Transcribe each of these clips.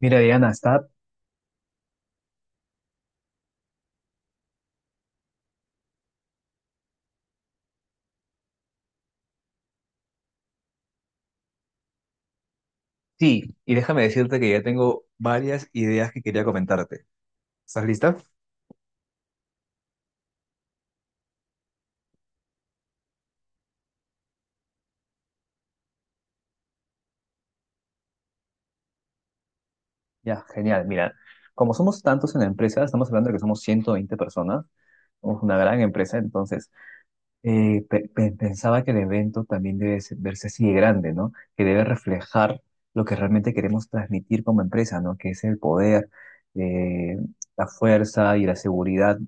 Mira, Diana, está... Sí, y déjame decirte que ya tengo varias ideas que quería comentarte. Ya, genial. Mira, como somos tantos en la empresa, estamos hablando de que somos 120 personas, somos una gran empresa, entonces pensaba que el evento también debe verse así de grande, ¿no? Que debe reflejar lo que realmente queremos transmitir como empresa, ¿no? Que es el poder, eh, la fuerza y la seguridad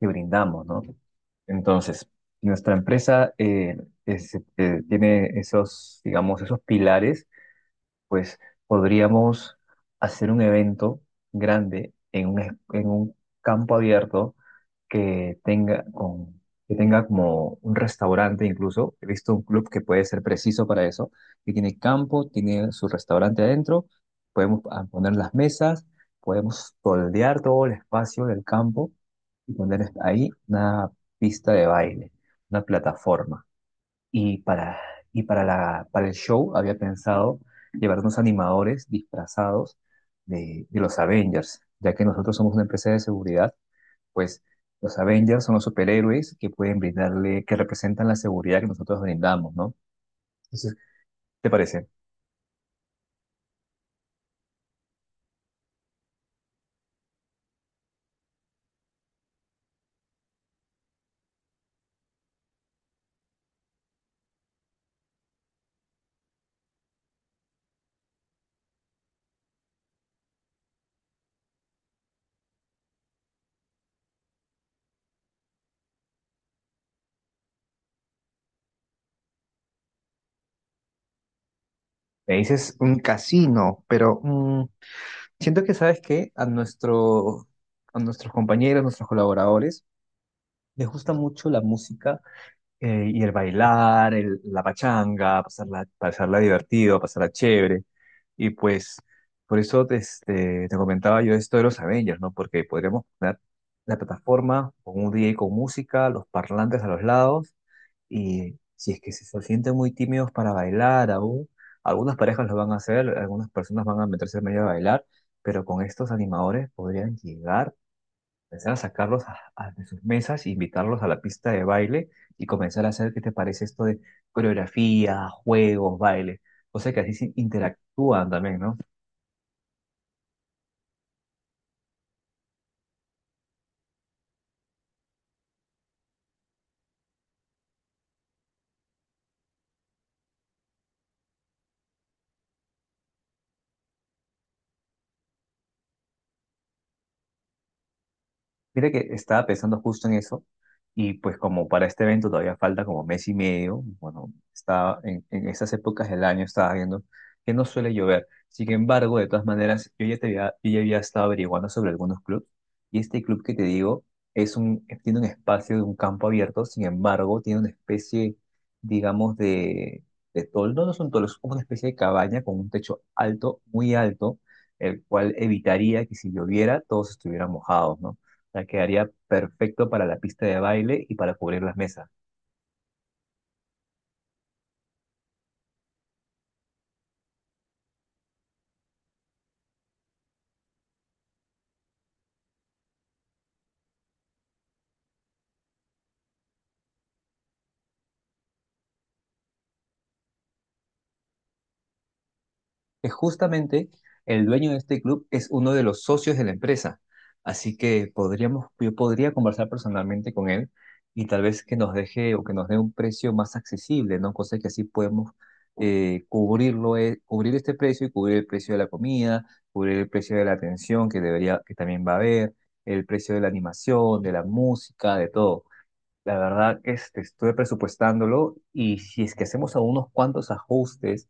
que brindamos, ¿no? Entonces, nuestra empresa tiene esos, digamos, esos pilares, pues podríamos hacer un evento grande en un, en un campo abierto que tenga, que tenga como un restaurante incluso. He visto un club que puede ser preciso para eso, que tiene campo, tiene su restaurante adentro, podemos poner las mesas, podemos toldear todo el espacio del campo y poner ahí una pista de baile, una plataforma. Y para, y para para el show había pensado llevar unos animadores disfrazados de los Avengers, ya que nosotros somos una empresa de seguridad pues los Avengers son los superhéroes que pueden brindarle, que representan la seguridad que nosotros brindamos, ¿no? Entonces, ¿te parece? Me dices un casino, pero siento que, ¿sabes qué? A nuestros compañeros, nuestros colaboradores, les gusta mucho la música y el bailar, la pachanga, pasarla divertido, pasarla chévere. Y pues por eso te comentaba yo esto de los Avengers, ¿no? Porque podríamos poner la plataforma con un DJ con música, los parlantes a los lados, y si es que se sienten muy tímidos para bailar aún, algunas parejas lo van a hacer, algunas personas van a meterse en medio a bailar, pero con estos animadores podrían llegar. Empezar a sacarlos de sus mesas, invitarlos a la pista de baile y comenzar a hacer, ¿qué te parece esto de coreografía, juegos, baile? O sea que así se interactúan también, ¿no? Mira que estaba pensando justo en eso y pues como para este evento todavía falta como mes y medio, bueno, estaba en esas épocas del año estaba viendo que no suele llover. Sin embargo, de todas maneras, yo ya había estado averiguando sobre algunos clubes y este club que te digo es un, tiene un espacio de un campo abierto, sin embargo, tiene una especie, digamos, de, de toldo, no son toldos, es como una especie de cabaña con un techo alto, muy alto, el cual evitaría que si lloviera todos estuvieran mojados, ¿no? Sea, quedaría perfecto para la pista de baile y para cubrir las mesas. Es justamente el dueño de este club es uno de los socios de la empresa, así que podríamos, yo podría conversar personalmente con él y tal vez que nos deje o que nos dé un precio más accesible, ¿no? Cosa que así podemos cubrirlo, cubrir este precio y cubrir el precio de la comida, cubrir el precio de la atención que debería, que también va a haber, el precio de la animación, de la música, de todo. La verdad, estuve presupuestándolo y si es que hacemos algunos cuantos ajustes,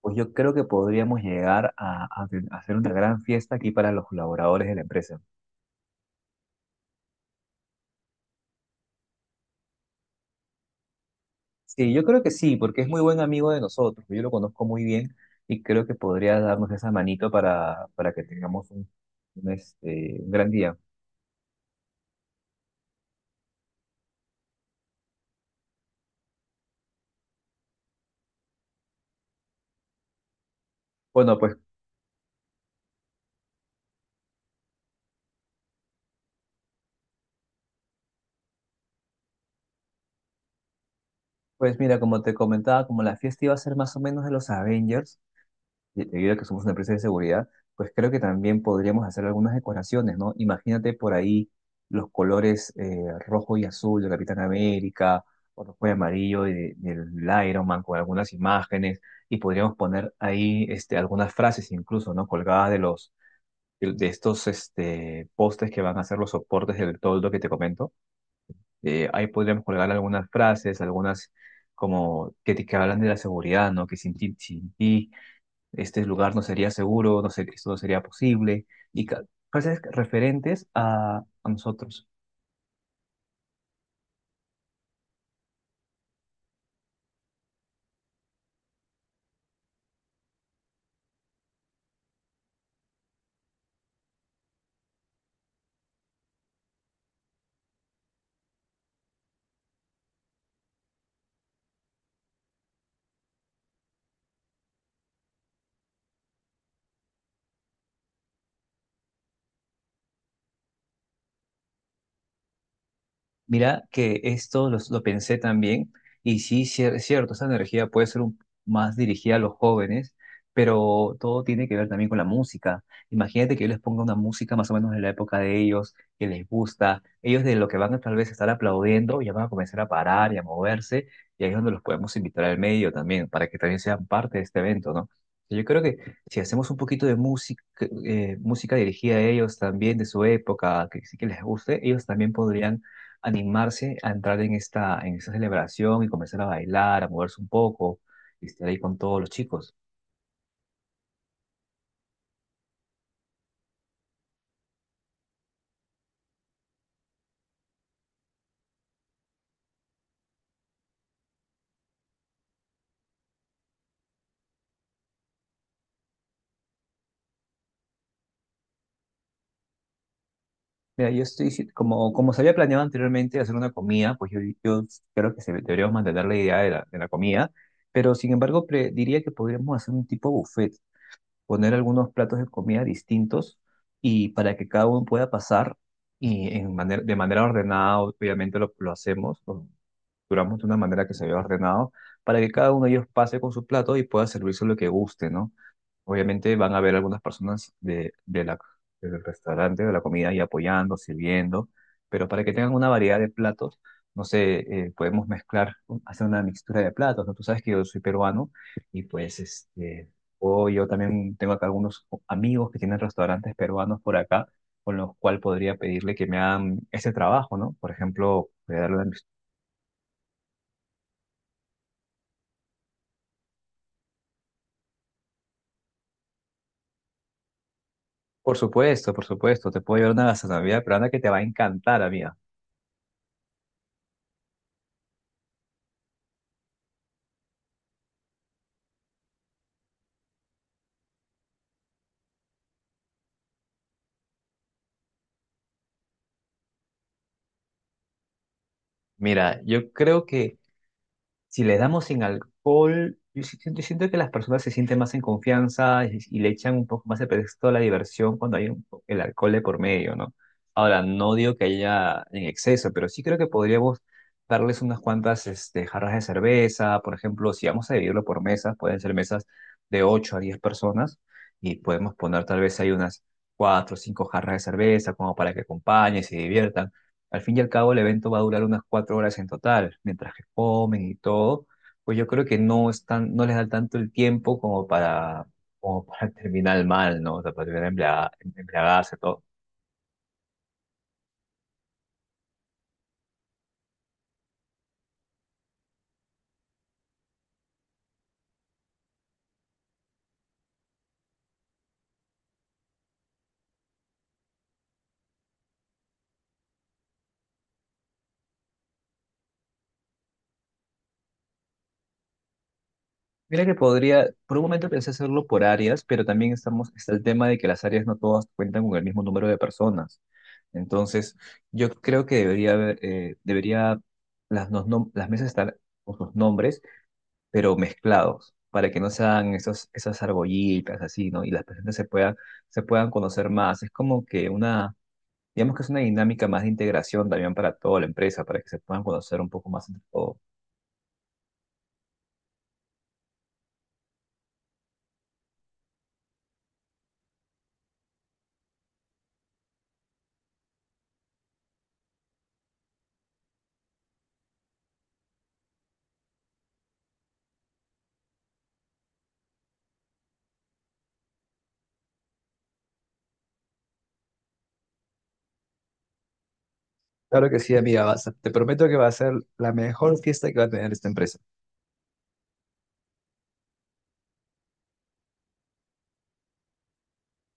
pues yo creo que podríamos llegar a hacer una gran fiesta aquí para los colaboradores de la empresa. Sí, yo creo que sí, porque es muy buen amigo de nosotros, yo lo conozco muy bien y creo que podría darnos esa manito para que tengamos un, un gran día. Bueno, pues, pues mira, como te comentaba, como la fiesta iba a ser más o menos de los Avengers, debido a que somos una empresa de seguridad, pues creo que también podríamos hacer algunas decoraciones, ¿no? Imagínate por ahí los colores rojo y azul de Capitán América, o rojo y amarillo del Iron Man con algunas imágenes, y podríamos poner ahí algunas frases incluso, ¿no? Colgadas de los... de estos postes que van a ser los soportes del toldo que te comento. Ahí podríamos colgar algunas frases, algunas como que, que hablan de la seguridad, ¿no? Que sin ti, sin ti este lugar no sería seguro, no sé, esto no sería posible, y ca- frases referentes a nosotros. Mira que esto pensé también, y sí, es cierto, esa energía más dirigida a los jóvenes, pero todo tiene que ver también con la música. Imagínate que yo les ponga una música más o menos de la época de ellos, que les gusta, ellos de lo que van a tal vez estar aplaudiendo, ya van a comenzar a parar y a moverse, y ahí es donde los podemos invitar al medio también, para que también sean parte de este evento, ¿no? Yo creo que si hacemos un poquito de música, música dirigida a ellos también, de su época, que sí que les guste, ellos también podrían animarse a entrar en esta celebración y comenzar a bailar, a moverse un poco y estar ahí con todos los chicos. Mira, yo estoy, si- como, como se había planeado anteriormente hacer una comida, pues yo creo que deberíamos mantener la idea de de la comida, pero sin embargo diría que podríamos hacer un tipo buffet, poner algunos platos de comida distintos y para que cada uno pueda pasar y en de manera ordenada, obviamente lo hacemos, duramos de una manera que se vea ordenado para que cada uno de ellos pase con su plato y pueda servirse lo que guste, ¿no? Obviamente van a haber algunas personas del restaurante, de la comida, y apoyando, sirviendo, pero para que tengan una variedad de platos, no sé, podemos mezclar, hacer una mixtura de platos, ¿no? Tú sabes que yo soy peruano y pues o yo también tengo acá algunos amigos que tienen restaurantes peruanos por acá con los cual podría pedirle que me hagan ese trabajo, ¿no? Por ejemplo, voy a darle una. Por supuesto, te puedo llevar una gastronomía peruana que te va a encantar, amiga. Mira, yo creo que si le damos sin alcohol, yo sí siento que las personas se sienten más en confianza y le echan un poco más el pretexto a la diversión cuando hay el alcohol de por medio, ¿no? Ahora, no digo que haya en exceso, pero sí creo que podríamos darles unas cuantas jarras de cerveza, por ejemplo, si vamos a dividirlo por mesas, pueden ser mesas de 8 a 10 personas y podemos poner tal vez ahí unas 4 o 5 jarras de cerveza como para que acompañen, se diviertan. Al fin y al cabo, el evento va a durar unas 4 horas en total, mientras que comen y todo, pues yo creo que no están, no les da tanto el tiempo como para, como para terminar mal, ¿no? O sea, para terminar embriagarse, todo. Mira que podría, por un momento pensé hacerlo por áreas, pero también estamos, está el tema de que las áreas no todas cuentan con el mismo número de personas. Entonces, yo creo que debería haber, las mesas estar con sus nombres pero mezclados, para que no sean esos, esas argollitas así, ¿no? Y las personas se puedan conocer más. Es como que una, digamos que es una dinámica más de integración también para toda la empresa, para que se puedan conocer un poco más entre todos. Claro que sí, amiga, te prometo que va a ser la mejor fiesta que va a tener esta empresa.